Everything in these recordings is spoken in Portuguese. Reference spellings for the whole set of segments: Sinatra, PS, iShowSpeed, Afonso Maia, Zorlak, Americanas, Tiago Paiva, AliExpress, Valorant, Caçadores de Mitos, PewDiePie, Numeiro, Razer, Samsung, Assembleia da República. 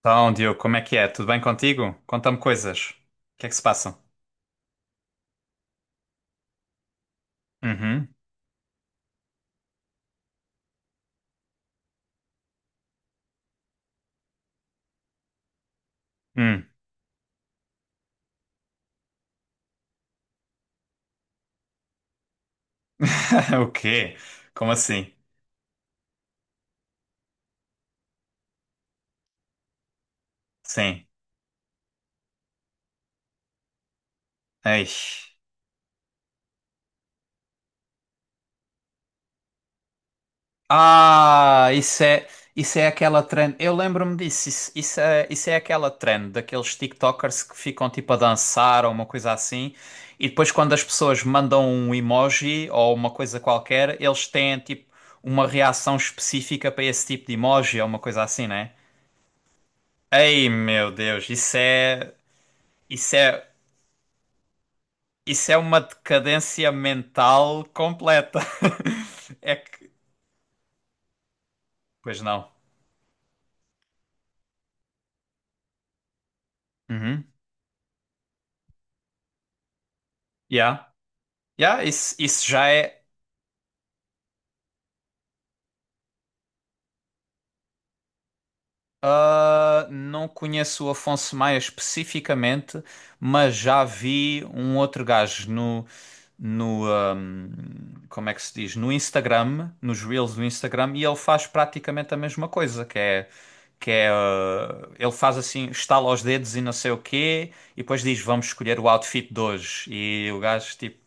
Então, Diogo, como é que é? Tudo bem contigo? Conta-me coisas. O que é que se passa? Uhum. Hum. O quê? Como assim? Sim. Ei. Ah, isso é, isso é aquela trend. Eu lembro-me disso. Isso é aquela trend daqueles TikTokers que ficam tipo a dançar ou uma coisa assim. E depois, quando as pessoas mandam um emoji ou uma coisa qualquer, eles têm tipo uma reação específica para esse tipo de emoji ou uma coisa assim, né? Ei, meu Deus, isso é. Isso é, isso é uma decadência mental completa. É que. Pois não. Uhum. Yeah. Yeah, isso já é. Ah, não conheço o Afonso Maia especificamente, mas já vi um outro gajo no como é que se diz? No Instagram, nos Reels do Instagram, e ele faz praticamente a mesma coisa, que é, ele faz assim, estala os dedos e não sei o quê, e depois diz, vamos escolher o outfit de hoje. E o gajo, tipo,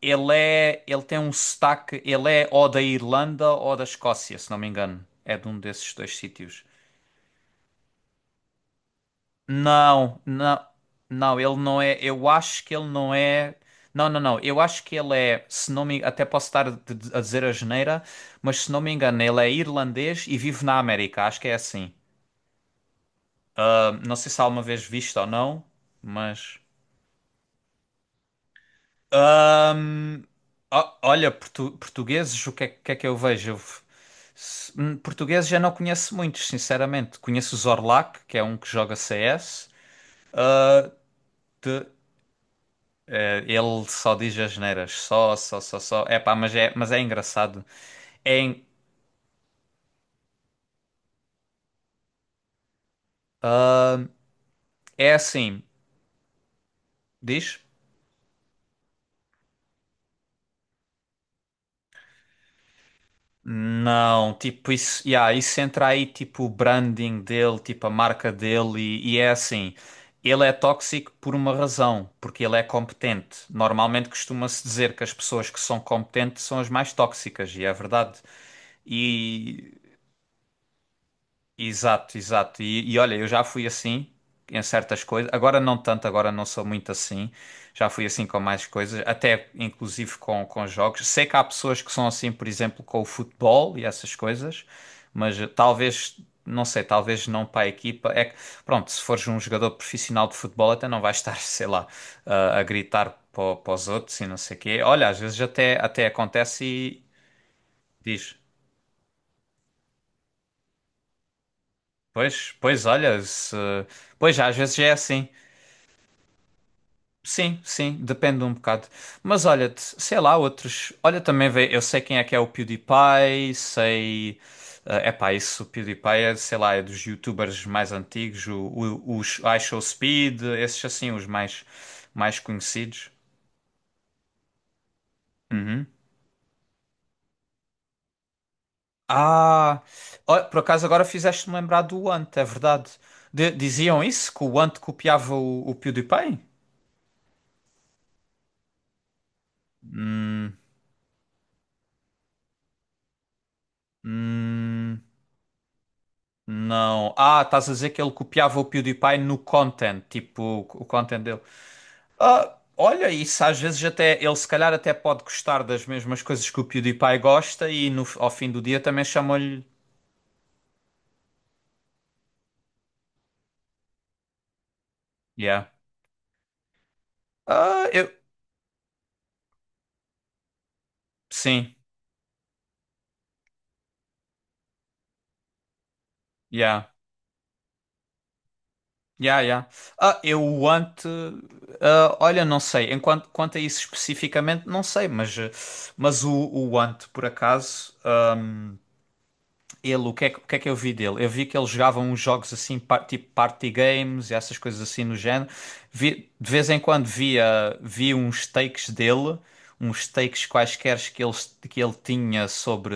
ele tem um sotaque, ele é ou da Irlanda ou da Escócia, se não me engano. É de um desses dois sítios. Não, não, não, ele não é. Eu acho que ele não é. Não, não, não. Eu acho que ele é, se não me, até posso estar a dizer a geneira, mas se não me engano, ele é irlandês e vive na América. Acho que é assim. Não sei se alguma vez visto ou não, mas. Hum, olha, portugueses, que é que eu vejo? Eu f- se- portugueses já não conheço muitos, sinceramente. Conheço o Zorlak, que é um que joga CS. Ele só diz as asneiras, só. É pá, mas é engraçado. É, en- é assim, diz? Não, tipo, isso, yeah, isso entra aí, tipo, o branding dele, tipo, a marca dele, e é assim. Ele é tóxico por uma razão, porque ele é competente. Normalmente costuma-se dizer que as pessoas que são competentes são as mais tóxicas, e é verdade. E exato, exato. E olha, eu já fui assim em certas coisas. Agora não tanto, agora não sou muito assim. Já fui assim com mais coisas, até inclusive com jogos. Sei que há pessoas que são assim, por exemplo, com o futebol e essas coisas, mas eh, talvez, não sei, talvez não para a equipa. É que, pronto, se fores um jogador profissional de futebol, até não vais estar, sei lá, a gritar para os outros e não sei o quê. Olha, às vezes até, até acontece e diz. Pois, pois, olha, se... pois às vezes é assim. Sim, sim, depende um bocado. Mas olha-te, sei lá, outros. Olha, também vê, eu sei quem é que é o PewDiePie, sei. É epá, isso, o PewDiePie é, sei lá, é dos YouTubers mais antigos, os iShowSpeed, esses assim, mais conhecidos. Uhum. Ah, ó, por acaso agora fizeste-me lembrar do Ant, é verdade. Diziam isso, que o Ant copiava o PewDiePie? Hum, hum. Não. Ah, estás a dizer que ele copiava o PewDiePie no content, tipo o content dele. Ah, olha, isso às vezes até ele se calhar até pode gostar das mesmas coisas que o PewDiePie gosta e no, ao fim do dia também chamam-lhe. Yeah. Ah, eu. Sim, yeah. Yeah, yeah. Ah, eu ante. Ah, olha, não sei. Enquanto, quanto a isso especificamente, não sei, mas, eh, mas o ante, por acaso. Ele, que o que é que eu vi dele? Eu vi que ele jogava uns jogos assim, tipo party games e essas coisas assim no género. De vez em quando via uns takes dele, uns takes quaisquer que ele tinha sobre.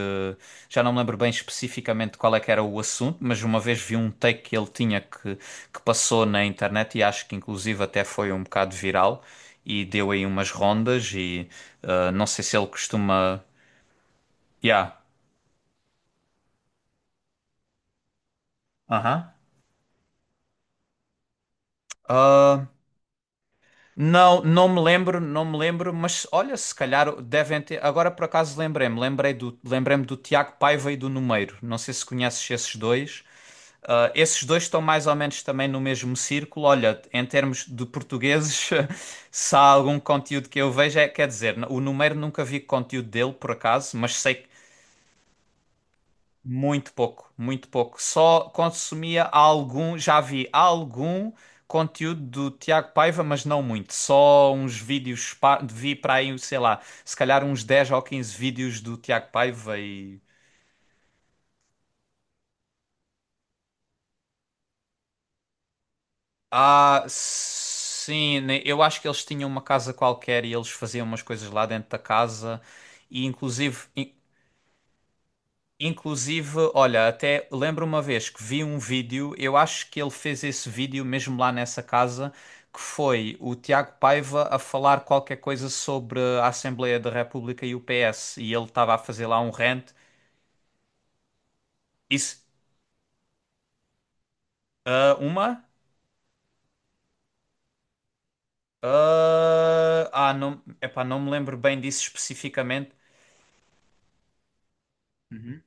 Já não me lembro bem especificamente qual é que era o assunto, mas uma vez vi um take que ele tinha que passou na internet e acho que inclusive até foi um bocado viral e deu aí umas rondas e ah, não sei se ele costuma. Yeah. Aham. Não, não me lembro, mas olha, se calhar devem ter. Agora por acaso lembrei-me, lembrei-me do Tiago Paiva e do Numeiro. Não sei se conheces esses dois. Ah, esses dois estão mais ou menos também no mesmo círculo. Olha, em termos de portugueses, se há algum conteúdo que eu vejo, é, quer dizer, o Numeiro nunca vi conteúdo dele, por acaso, mas sei muito pouco, muito pouco. Só consumia algum, já vi algum conteúdo do Tiago Paiva, mas não muito. Só uns vídeos, vi para aí, sei lá, se calhar uns 10 ou 15 vídeos do Tiago Paiva e. Ah, sim, né, eu acho que eles tinham uma casa qualquer e eles faziam umas coisas lá dentro da casa. E inclusive. Inclusive, olha, até lembro uma vez que vi um vídeo, eu acho que ele fez esse vídeo mesmo lá nessa casa, que foi o Tiago Paiva a falar qualquer coisa sobre a Assembleia da República e o PS, e ele estava a fazer lá um rant. Isso, ah, uma? Ah, ah, não, epá, não me lembro bem disso especificamente. Uhum.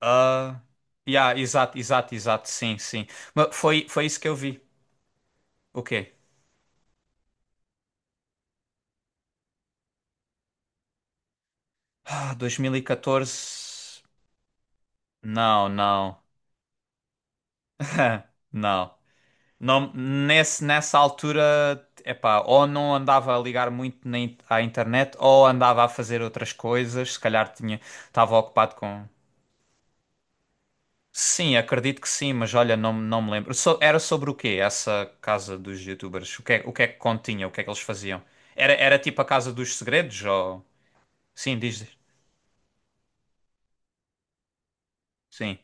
Ah, yeah, exato, sim, sim. Mas foi, foi isso que eu vi. O quê? Ah, 2014? Não, não. Não. Não, nessa altura, epá, ou não andava a ligar muito à internet, ou andava a fazer outras coisas, se calhar tinha, estava ocupado com... Sim, acredito que sim, mas olha, não, não me lembro. Era sobre o quê, essa casa dos youtubers? O que é que continha? O que é que eles faziam? Era tipo a casa dos segredos, ou... Sim, diz. Sim,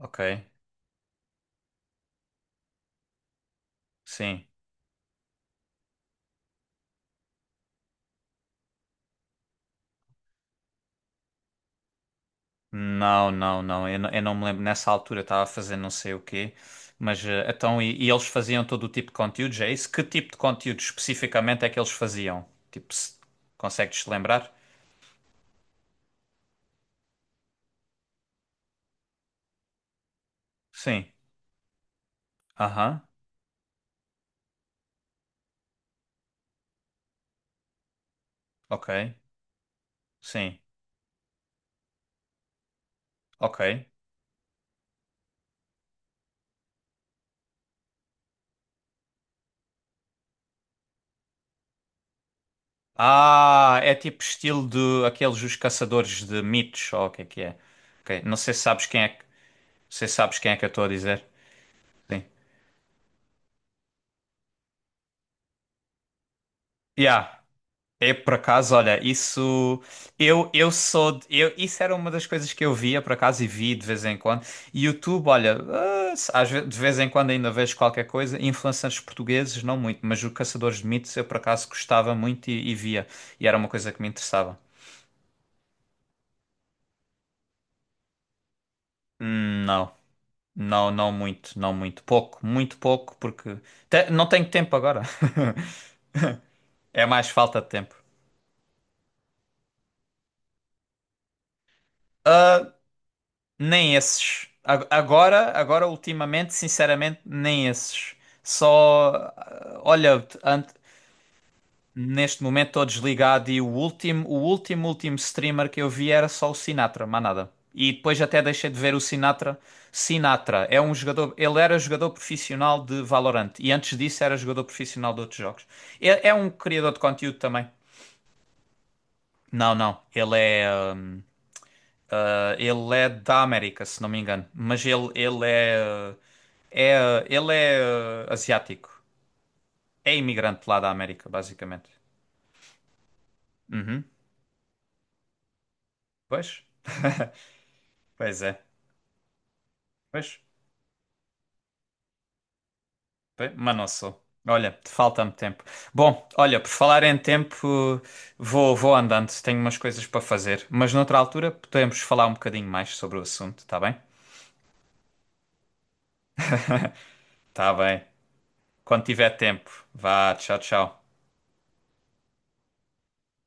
ok, sim. Não. Eu, eu não me lembro. Nessa altura eu estava a fazer não sei o quê. Mas eh, então, e eles faziam todo o tipo de conteúdos, é isso? Que tipo de conteúdo especificamente é que eles faziam? Tipo, se- Consegues-te lembrar? Sim. Aham. Ok. Sim. Ok. Ah, é tipo estilo de aqueles os caçadores de mitos, ou o que é que é? Ok. Não sei se sabes quem é que, não sei se sabes quem é que eu estou a dizer. Sim. Yeah. É por acaso, olha, isso eu eu isso era uma das coisas que eu via por acaso e vi de vez em quando. E YouTube, olha, ah, de vez em quando ainda vejo qualquer coisa. Influencers portugueses não muito, mas o Caçadores de Mitos eu por acaso gostava muito e via e era uma coisa que me interessava. Não, não, não muito, pouco, muito pouco porque não tenho tempo agora. É mais falta de tempo. Ah, nem esses. Agora, agora ultimamente, sinceramente, nem esses. Só, ah, olha, neste momento estou desligado e último streamer que eu vi era só o Sinatra, mais nada. E depois até deixei de ver o Sinatra. Sinatra é um jogador, ele era jogador profissional de Valorant e antes disso era jogador profissional de outros jogos. É, é um criador de conteúdo também. Não, não, ele é, ah, ele é da América, se não me engano. Ele é, é. Ele é ah, asiático. É imigrante lá da América, basicamente. Uhum. Pois. Pois é. Pois. Bem, mas não sou. Olha, falta-me tempo. Bom, olha, por falar em tempo, vou andando. Tenho umas coisas para fazer. Mas noutra altura podemos falar um bocadinho mais sobre o assunto, tá bem? Tá bem. Quando tiver tempo. Vá, tchau, tchau.